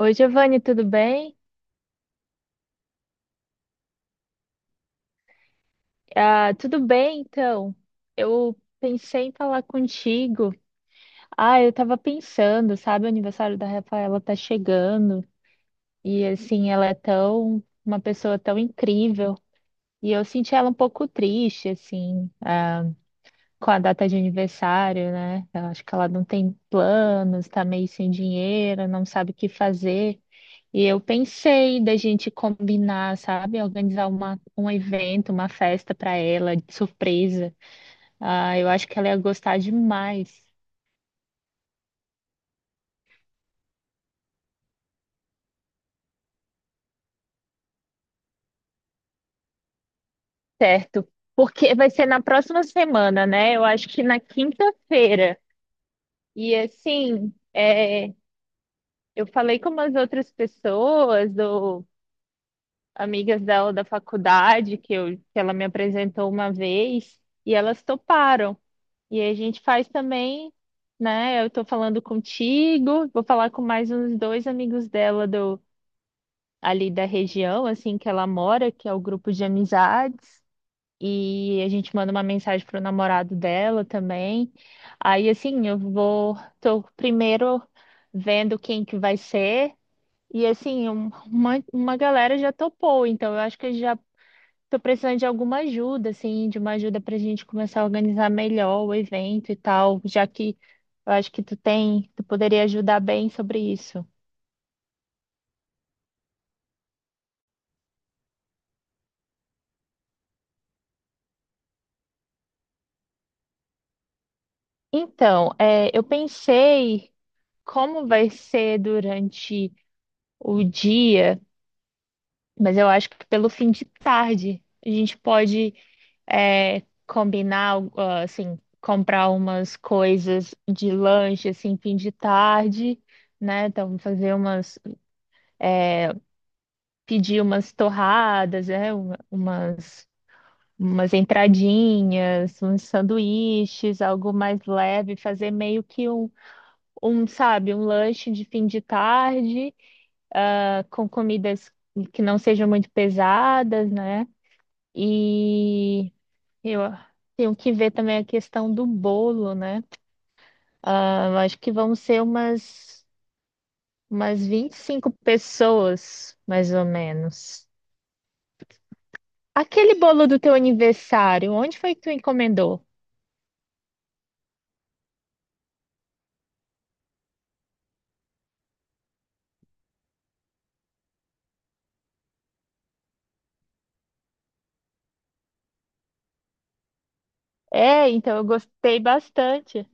Oi, Giovanni, tudo bem? Tudo bem, então. Eu pensei em falar contigo. Eu tava pensando, sabe, o aniversário da Rafaela tá chegando e assim, ela é tão uma pessoa tão incrível. E eu senti ela um pouco triste, assim, com a data de aniversário, né? Eu acho que ela não tem planos, tá meio sem dinheiro, não sabe o que fazer. E eu pensei da gente combinar, sabe? Organizar uma, um evento, uma festa para ela, de surpresa. Eu acho que ela ia gostar demais. Certo. Porque vai ser na próxima semana, né? Eu acho que na quinta-feira. E assim, eu falei com umas outras pessoas, ou amigas dela da faculdade, que, eu, que ela me apresentou uma vez, e elas toparam. E aí a gente faz também, né? Eu tô falando contigo, vou falar com mais uns dois amigos dela do ali da região, assim, que ela mora, que é o grupo de amizades, e a gente manda uma mensagem pro namorado dela também. Aí assim, eu vou, tô primeiro vendo quem que vai ser. E assim, uma galera já topou, então eu acho que já. Tô precisando de alguma ajuda, assim, de uma ajuda pra gente começar a organizar melhor o evento e tal, já que eu acho que tu tem, tu poderia ajudar bem sobre isso. Então, eu pensei como vai ser durante o dia, mas eu acho que pelo fim de tarde a gente pode, é, combinar, assim, comprar umas coisas de lanche, assim, fim de tarde, né? Então, fazer umas pedir umas torradas, umas entradinhas, uns sanduíches, algo mais leve, fazer meio que sabe, um lanche de fim de tarde, com comidas que não sejam muito pesadas, né? E eu tenho que ver também a questão do bolo, né? Eu acho que vão ser umas, umas 25 pessoas, mais ou menos. Aquele bolo do teu aniversário, onde foi que tu encomendou? É, então eu gostei bastante.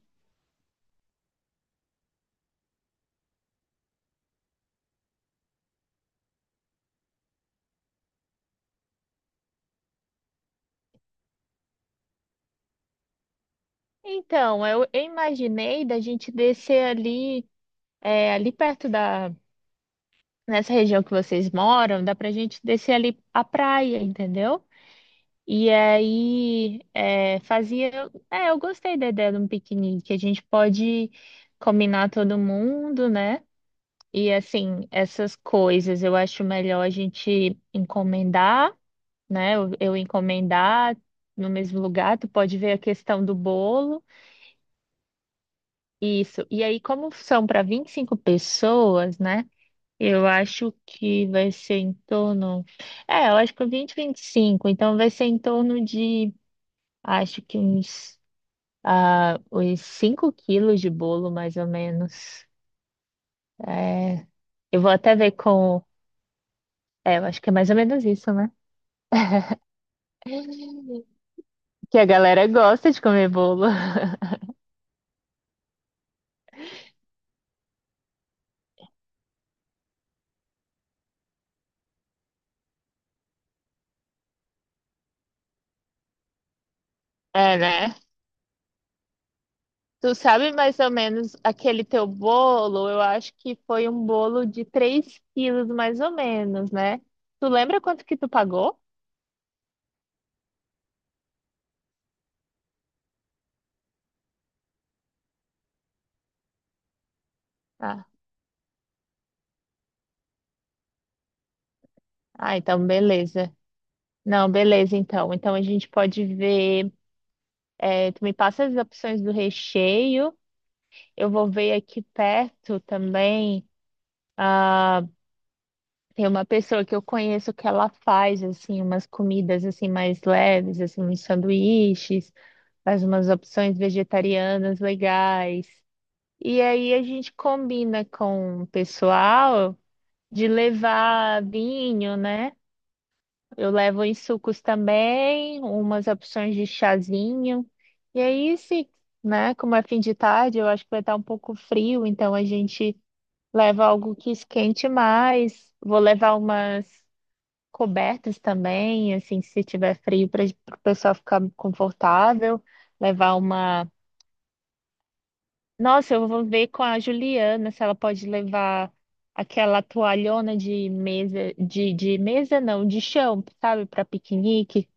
Então, eu imaginei da gente descer ali, ali perto da, nessa região que vocês moram, dá pra gente descer ali a praia, entendeu? E aí, é, fazia. É, eu gostei da ideia de um piquenique. A gente pode combinar todo mundo, né? E assim, essas coisas eu acho melhor a gente encomendar, né? Eu encomendar no mesmo lugar, tu pode ver a questão do bolo. Isso. E aí, como são para 25 pessoas, né? Eu acho que vai ser em torno. É, eu acho que 20, 25. Então, vai ser em torno de, acho que uns, uns 5 quilos de bolo, mais ou menos. É, eu vou até ver com. É, eu acho que é mais ou menos isso, né? Que a galera gosta de comer bolo. É, né? Tu sabe mais ou menos aquele teu bolo? Eu acho que foi um bolo de 3 quilos, mais ou menos, né? Tu lembra quanto que tu pagou? Ah, então beleza. Não, beleza, então. Então a gente pode ver. É, tu me passa as opções do recheio. Eu vou ver aqui perto também. Ah, Tem uma pessoa que eu conheço que ela faz assim umas comidas assim mais leves, assim uns sanduíches, faz umas opções vegetarianas legais. E aí a gente combina com o pessoal de levar vinho, né? Eu levo em sucos também, umas opções de chazinho. E aí, se, né, como é fim de tarde, eu acho que vai estar um pouco frio, então a gente leva algo que esquente mais. Vou levar umas cobertas também, assim, se tiver frio, para o pessoal ficar confortável. Levar uma. Nossa, eu vou ver com a Juliana se ela pode levar aquela toalhona de mesa não, de chão, sabe, para piquenique.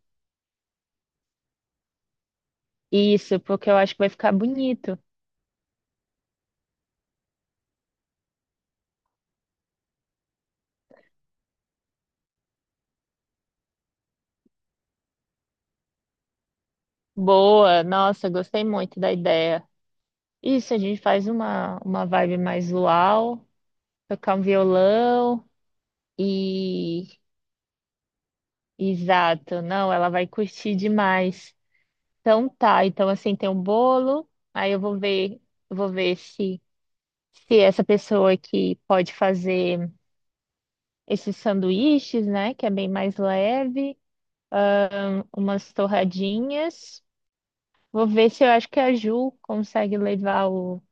Isso, porque eu acho que vai ficar bonito. Boa, nossa, gostei muito da ideia. Isso, a gente faz uma vibe mais luau, tocar um violão e. Exato, não, ela vai curtir demais. Então tá, então assim tem um bolo, aí eu vou ver se. Se essa pessoa que pode fazer esses sanduíches, né, que é bem mais leve, umas torradinhas. Vou ver se eu acho que a Ju consegue levar o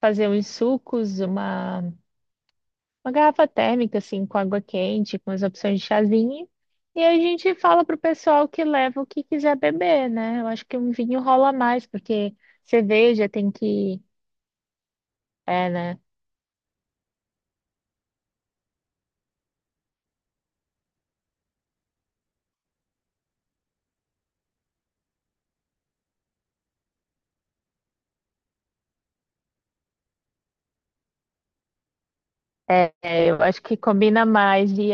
fazer uns sucos, uma garrafa térmica assim com água quente, com as opções de chazinho. E a gente fala pro pessoal que leva o que quiser beber, né? Eu acho que um vinho rola mais, porque cerveja tem que, é, né? Eu acho que combina mais e.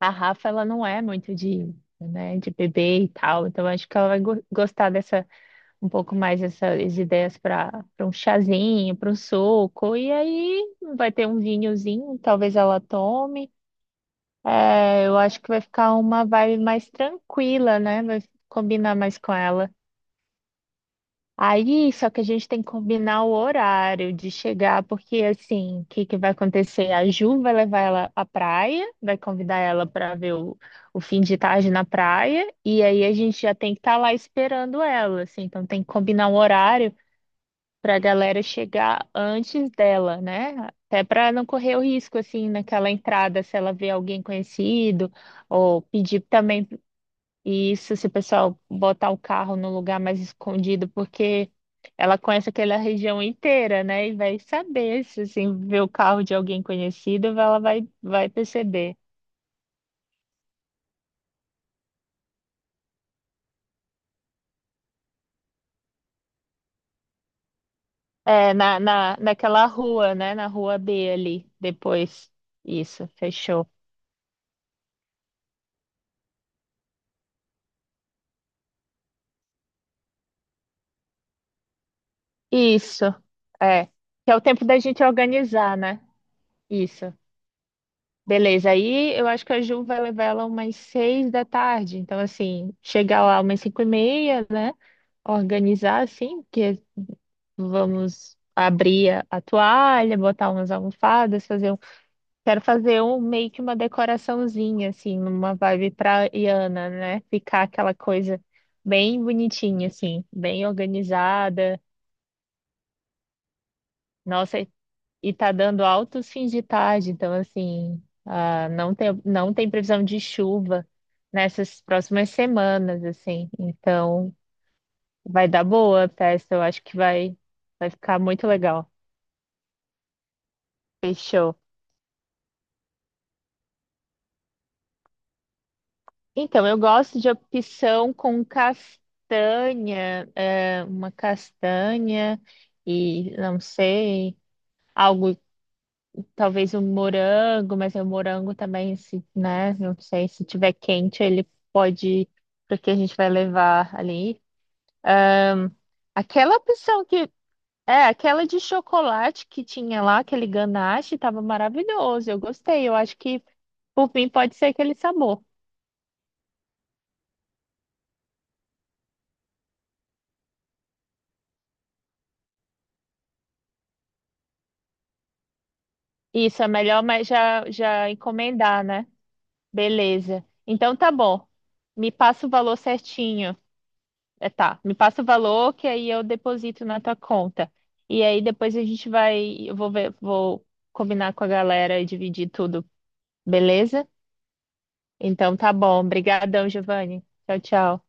A Rafa, ela não é muito de, né, de bebê e tal, então acho que ela vai gostar dessa, um pouco mais dessas ideias para um chazinho, para um suco, e aí vai ter um vinhozinho, talvez ela tome. É, eu acho que vai ficar uma vibe mais tranquila, né? Vai combinar mais com ela. Aí, só que a gente tem que combinar o horário de chegar, porque assim, o que que vai acontecer? A Ju vai levar ela à praia, vai convidar ela para ver o fim de tarde na praia, e aí a gente já tem que estar lá esperando ela, assim, então tem que combinar um horário para a galera chegar antes dela, né? Até para não correr o risco, assim, naquela entrada, se ela vê alguém conhecido, ou pedir também e isso, se o pessoal botar o carro no lugar mais escondido, porque ela conhece aquela região inteira, né? E vai saber, se assim, ver o carro de alguém conhecido, ela vai, perceber. É, naquela rua, né? Na rua B ali, depois. Isso, fechou. Isso, é. Que é o tempo da gente organizar, né? Isso. Beleza, aí eu acho que a Ju vai levar ela umas 6 da tarde. Então, assim, chegar lá umas 5h30, né? Organizar assim, porque vamos abrir a toalha, botar umas almofadas, fazer um. Quero fazer um meio que uma decoraçãozinha, assim, numa vibe praiana, né? Ficar aquela coisa bem bonitinha, assim, bem organizada. Nossa, e tá dando altos fins de tarde, então assim, não tem previsão de chuva nessas próximas semanas, assim. Então, vai dar boa a festa, eu acho que vai ficar muito legal. Fechou. Então, eu gosto de opção com castanha, uma castanha e não sei, algo, talvez um morango, mas o morango também, se, né? Não sei, se tiver quente, ele pode, porque a gente vai levar ali. Aquela opção que, aquela de chocolate que tinha lá, aquele ganache, estava maravilhoso. Eu gostei. Eu acho que, por mim, pode ser aquele sabor. Isso, é melhor, mas já encomendar, né? Beleza. Então tá bom. Me passa o valor certinho. É, tá. Me passa o valor que aí eu deposito na tua conta. E aí depois a gente vai. Eu vou ver, vou combinar com a galera e dividir tudo. Beleza? Então tá bom. Obrigadão, Giovanni. Tchau, tchau.